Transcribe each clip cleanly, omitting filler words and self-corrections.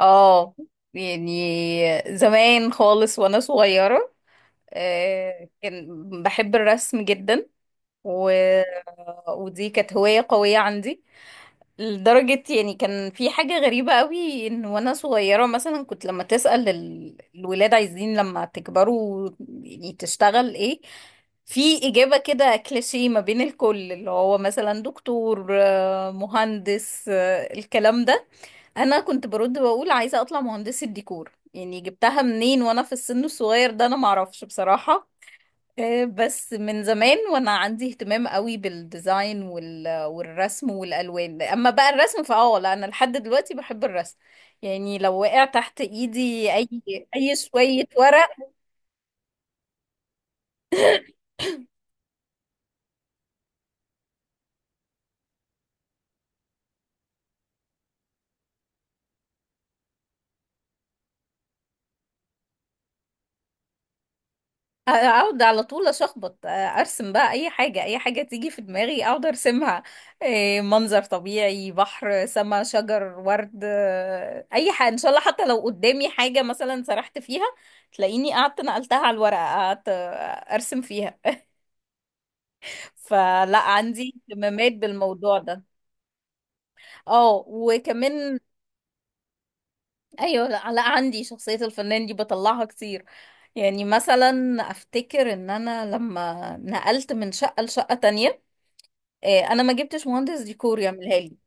اه، يعني زمان خالص وانا صغيرة. كان بحب الرسم جدا و... ودي كانت هواية قوية عندي لدرجة يعني كان في حاجة غريبة قوي ان وانا صغيرة مثلا كنت لما تسأل الولاد عايزين لما تكبروا يعني تشتغل ايه، في إجابة كده كليشيه ما بين الكل اللي هو مثلا دكتور، مهندس، الكلام ده. انا كنت برد واقول عايزة اطلع مهندسة ديكور، يعني جبتها منين وانا في السن الصغير ده؟ انا معرفش بصراحة. بس من زمان وانا عندي اهتمام قوي بالديزاين والرسم والالوان، اما بقى الرسم فاه لا انا لحد دلوقتي بحب الرسم، يعني لو وقع تحت ايدي اي شوية ورق اقعد على طول اشخبط، ارسم بقى اي حاجة تيجي في دماغي اقعد ارسمها، منظر طبيعي، بحر، سما، شجر، ورد، اي حاجة ان شاء الله، حتى لو قدامي حاجة مثلا سرحت فيها تلاقيني قعدت نقلتها على الورقة، قعدت ارسم فيها، فلا عندي اهتمامات بالموضوع ده. اه وكمان ايوه، لا لا، عندي شخصية الفنان دي بطلعها كتير. يعني مثلا افتكر ان انا لما نقلت من شقة لشقة تانية، انا ما جبتش مهندس ديكور يعملها لي،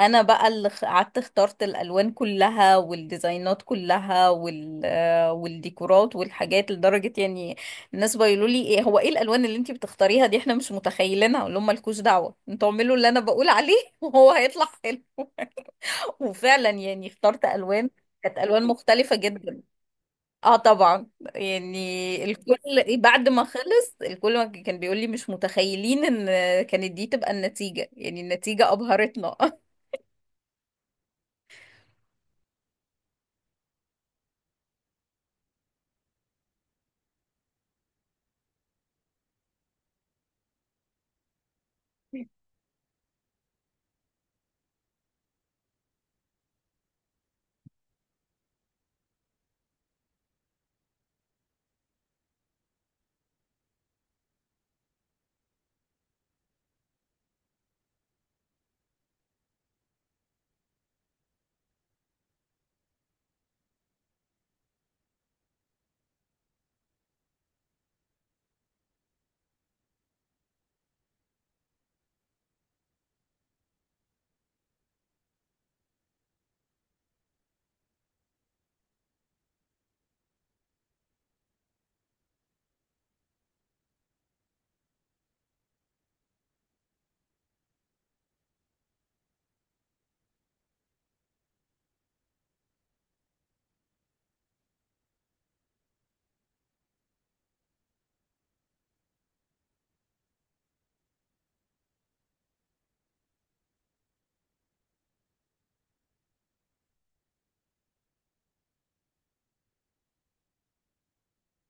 انا بقى اللي قعدت اخترت الالوان كلها والديزاينات كلها، والديكورات والحاجات، لدرجه يعني الناس بيقولوا لي ايه هو ايه الالوان اللي انتي بتختاريها دي؟ احنا مش متخيلينها. اقول لهم مالكوش دعوه، انتوا اعملوا اللي انا بقول عليه وهو هيطلع حلو. وفعلا يعني اخترت الوان كانت الوان مختلفه جدا. اه طبعا، يعني الكل بعد ما خلص الكل ما كان بيقول لي مش متخيلين ان كانت دي تبقى النتيجه، يعني النتيجه ابهرتنا.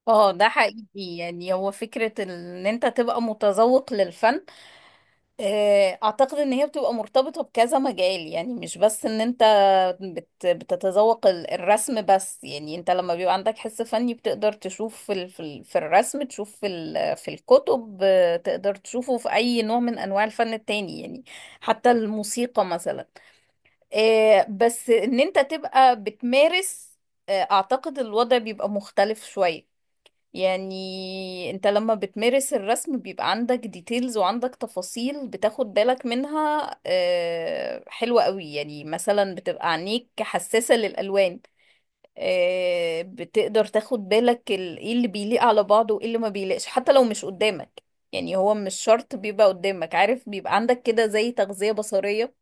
اه ده حقيقي، يعني هو فكرة ان انت تبقى متذوق للفن، اعتقد ان هي بتبقى مرتبطة بكذا مجال، يعني مش بس ان انت بتتذوق الرسم بس، يعني انت لما بيبقى عندك حس فني بتقدر تشوف في في الرسم، تشوف في في الكتب، تقدر تشوفه في اي نوع من انواع الفن التاني، يعني حتى الموسيقى مثلا. بس ان انت تبقى بتمارس، اعتقد الوضع بيبقى مختلف شوية، يعني انت لما بتمارس الرسم بيبقى عندك ديتيلز وعندك تفاصيل بتاخد بالك منها حلوة قوي، يعني مثلا بتبقى عينيك حساسة للألوان، بتقدر تاخد بالك ايه اللي بيليق على بعضه وايه اللي ما بيليقش حتى لو مش قدامك، يعني هو مش شرط بيبقى قدامك، عارف بيبقى عندك كده زي تغذية بصرية،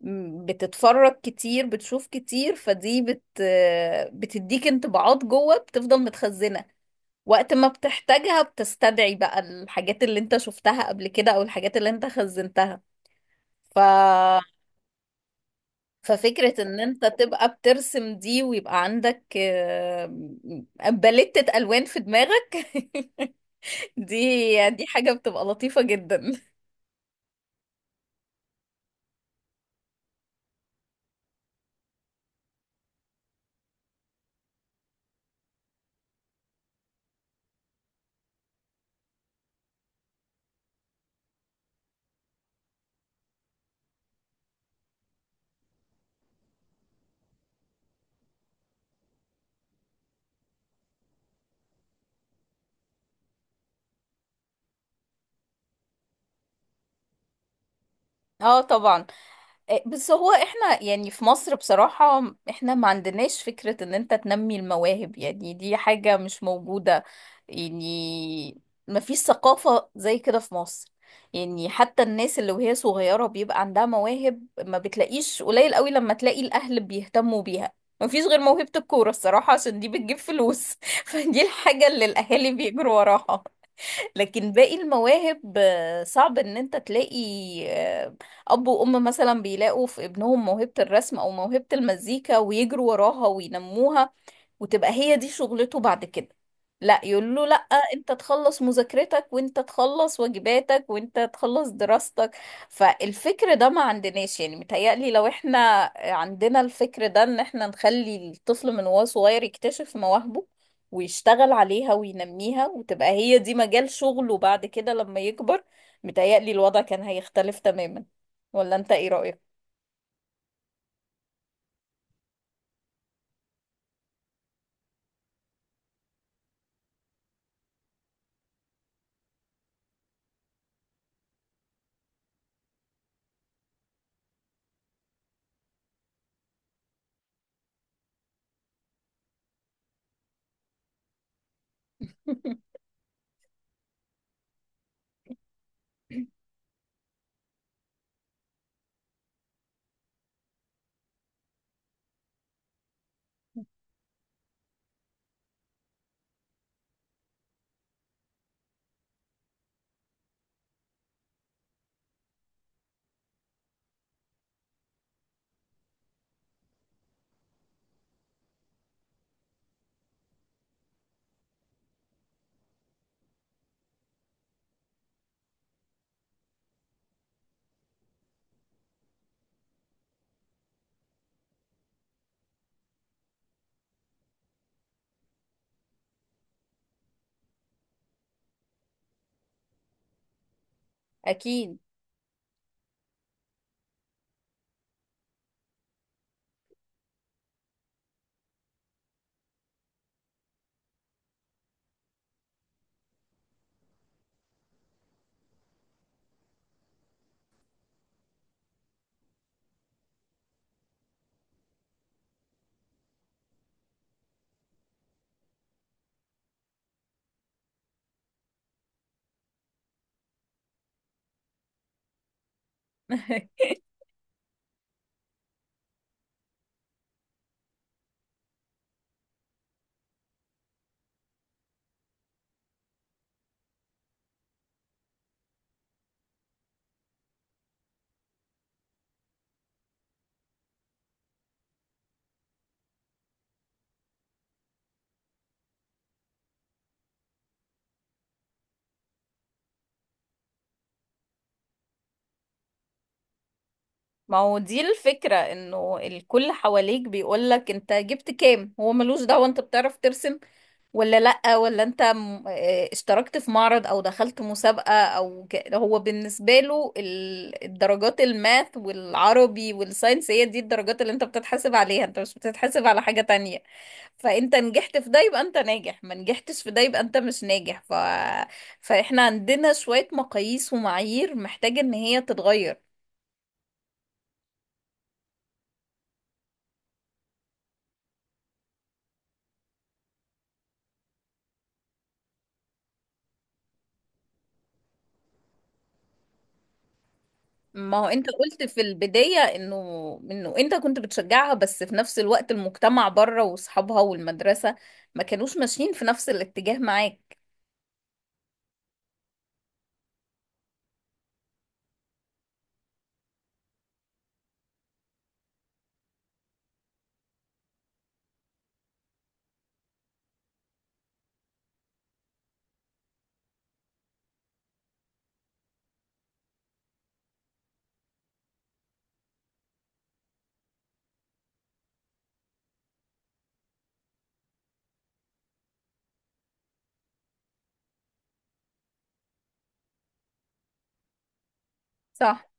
بتتفرج كتير بتشوف كتير، فدي بت آه، بتديك انطباعات جوه بتفضل متخزنة، وقت ما بتحتاجها بتستدعي بقى الحاجات اللي انت شفتها قبل كده، او الحاجات اللي انت خزنتها. ف... ففكرة ان انت تبقى بترسم دي، ويبقى عندك باليتة الوان في دماغك دي دي حاجة بتبقى لطيفة جدا. اه طبعا. إيه، بس هو احنا يعني في مصر بصراحة احنا ما عندناش فكرة ان انت تنمي المواهب، يعني دي حاجة مش موجودة، يعني ما فيش ثقافة زي كده في مصر، يعني حتى الناس اللي وهي صغيرة بيبقى عندها مواهب ما بتلاقيش، قليل قوي لما تلاقي الاهل بيهتموا بيها. ما فيش غير موهبة الكورة الصراحة، عشان دي بتجيب فلوس فدي الحاجة اللي الاهالي بيجروا وراها، لكن باقي المواهب صعب ان انت تلاقي آه، اب وام مثلا بيلاقوا في ابنهم موهبة الرسم او موهبة المزيكا ويجروا وراها وينموها وتبقى هي دي شغلته بعد كده، لا يقول له لا، انت تخلص مذاكرتك وانت تخلص واجباتك وانت تخلص دراستك، فالفكر ده ما عندناش، يعني متهيألي لو احنا عندنا الفكر ده ان احنا نخلي الطفل من وهو صغير يكتشف مواهبه ويشتغل عليها وينميها وتبقى هي دي مجال شغله بعد كده لما يكبر، متهيألي الوضع كان هيختلف تماما، ولا انت ايه رأيك؟ اكيد. ما هو دي الفكرة، انه الكل حواليك بيقولك انت جبت كام، هو ملوش دعوة انت بتعرف ترسم ولا لأ، ولا انت اشتركت في معرض، او دخلت مسابقة، او هو بالنسبة له الدرجات، الماث والعربي والساينس هي دي الدرجات اللي انت بتتحاسب عليها، انت مش بتتحاسب على حاجة تانية، فانت نجحت في ده يبقى انت ناجح، ما نجحتش في ده يبقى انت مش ناجح، فاحنا عندنا شوية مقاييس ومعايير محتاجة ان هي تتغير. ما هو انت قلت في البداية انه انت كنت بتشجعها، بس في نفس الوقت المجتمع بره واصحابها والمدرسة ما كانوش ماشيين في نفس الاتجاه معاك. صح.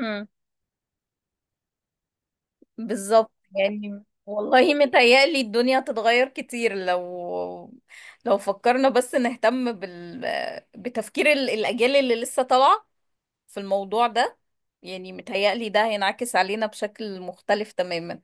امم. بالظبط، يعني والله متهيألي الدنيا هتتغير كتير لو فكرنا بس نهتم بتفكير الأجيال اللي لسه طالعة في الموضوع ده، يعني متهيألي ده هينعكس علينا بشكل مختلف تماما.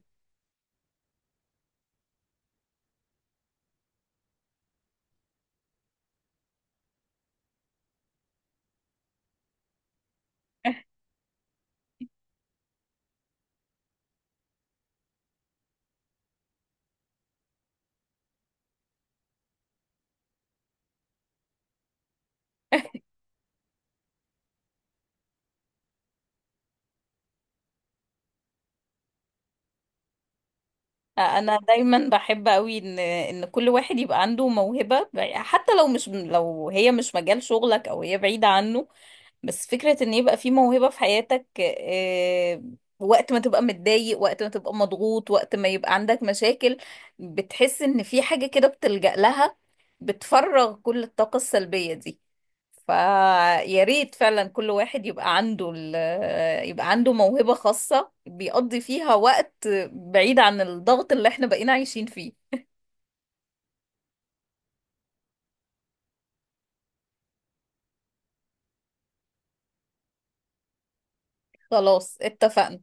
انا دايما بحب قوي ان كل واحد يبقى عنده موهبة، حتى لو مش لو هي مش مجال شغلك او هي بعيدة عنه، بس فكرة ان يبقى في موهبة في حياتك، وقت ما تبقى متضايق، وقت ما تبقى مضغوط، وقت ما يبقى عندك مشاكل بتحس ان في حاجة كده بتلجأ لها، بتفرغ كل الطاقة السلبية دي، فيا ريت فعلا كل واحد يبقى عنده يبقى عنده موهبة خاصة بيقضي فيها وقت بعيد عن الضغط اللي احنا بقينا عايشين فيه. خلاص اتفقنا.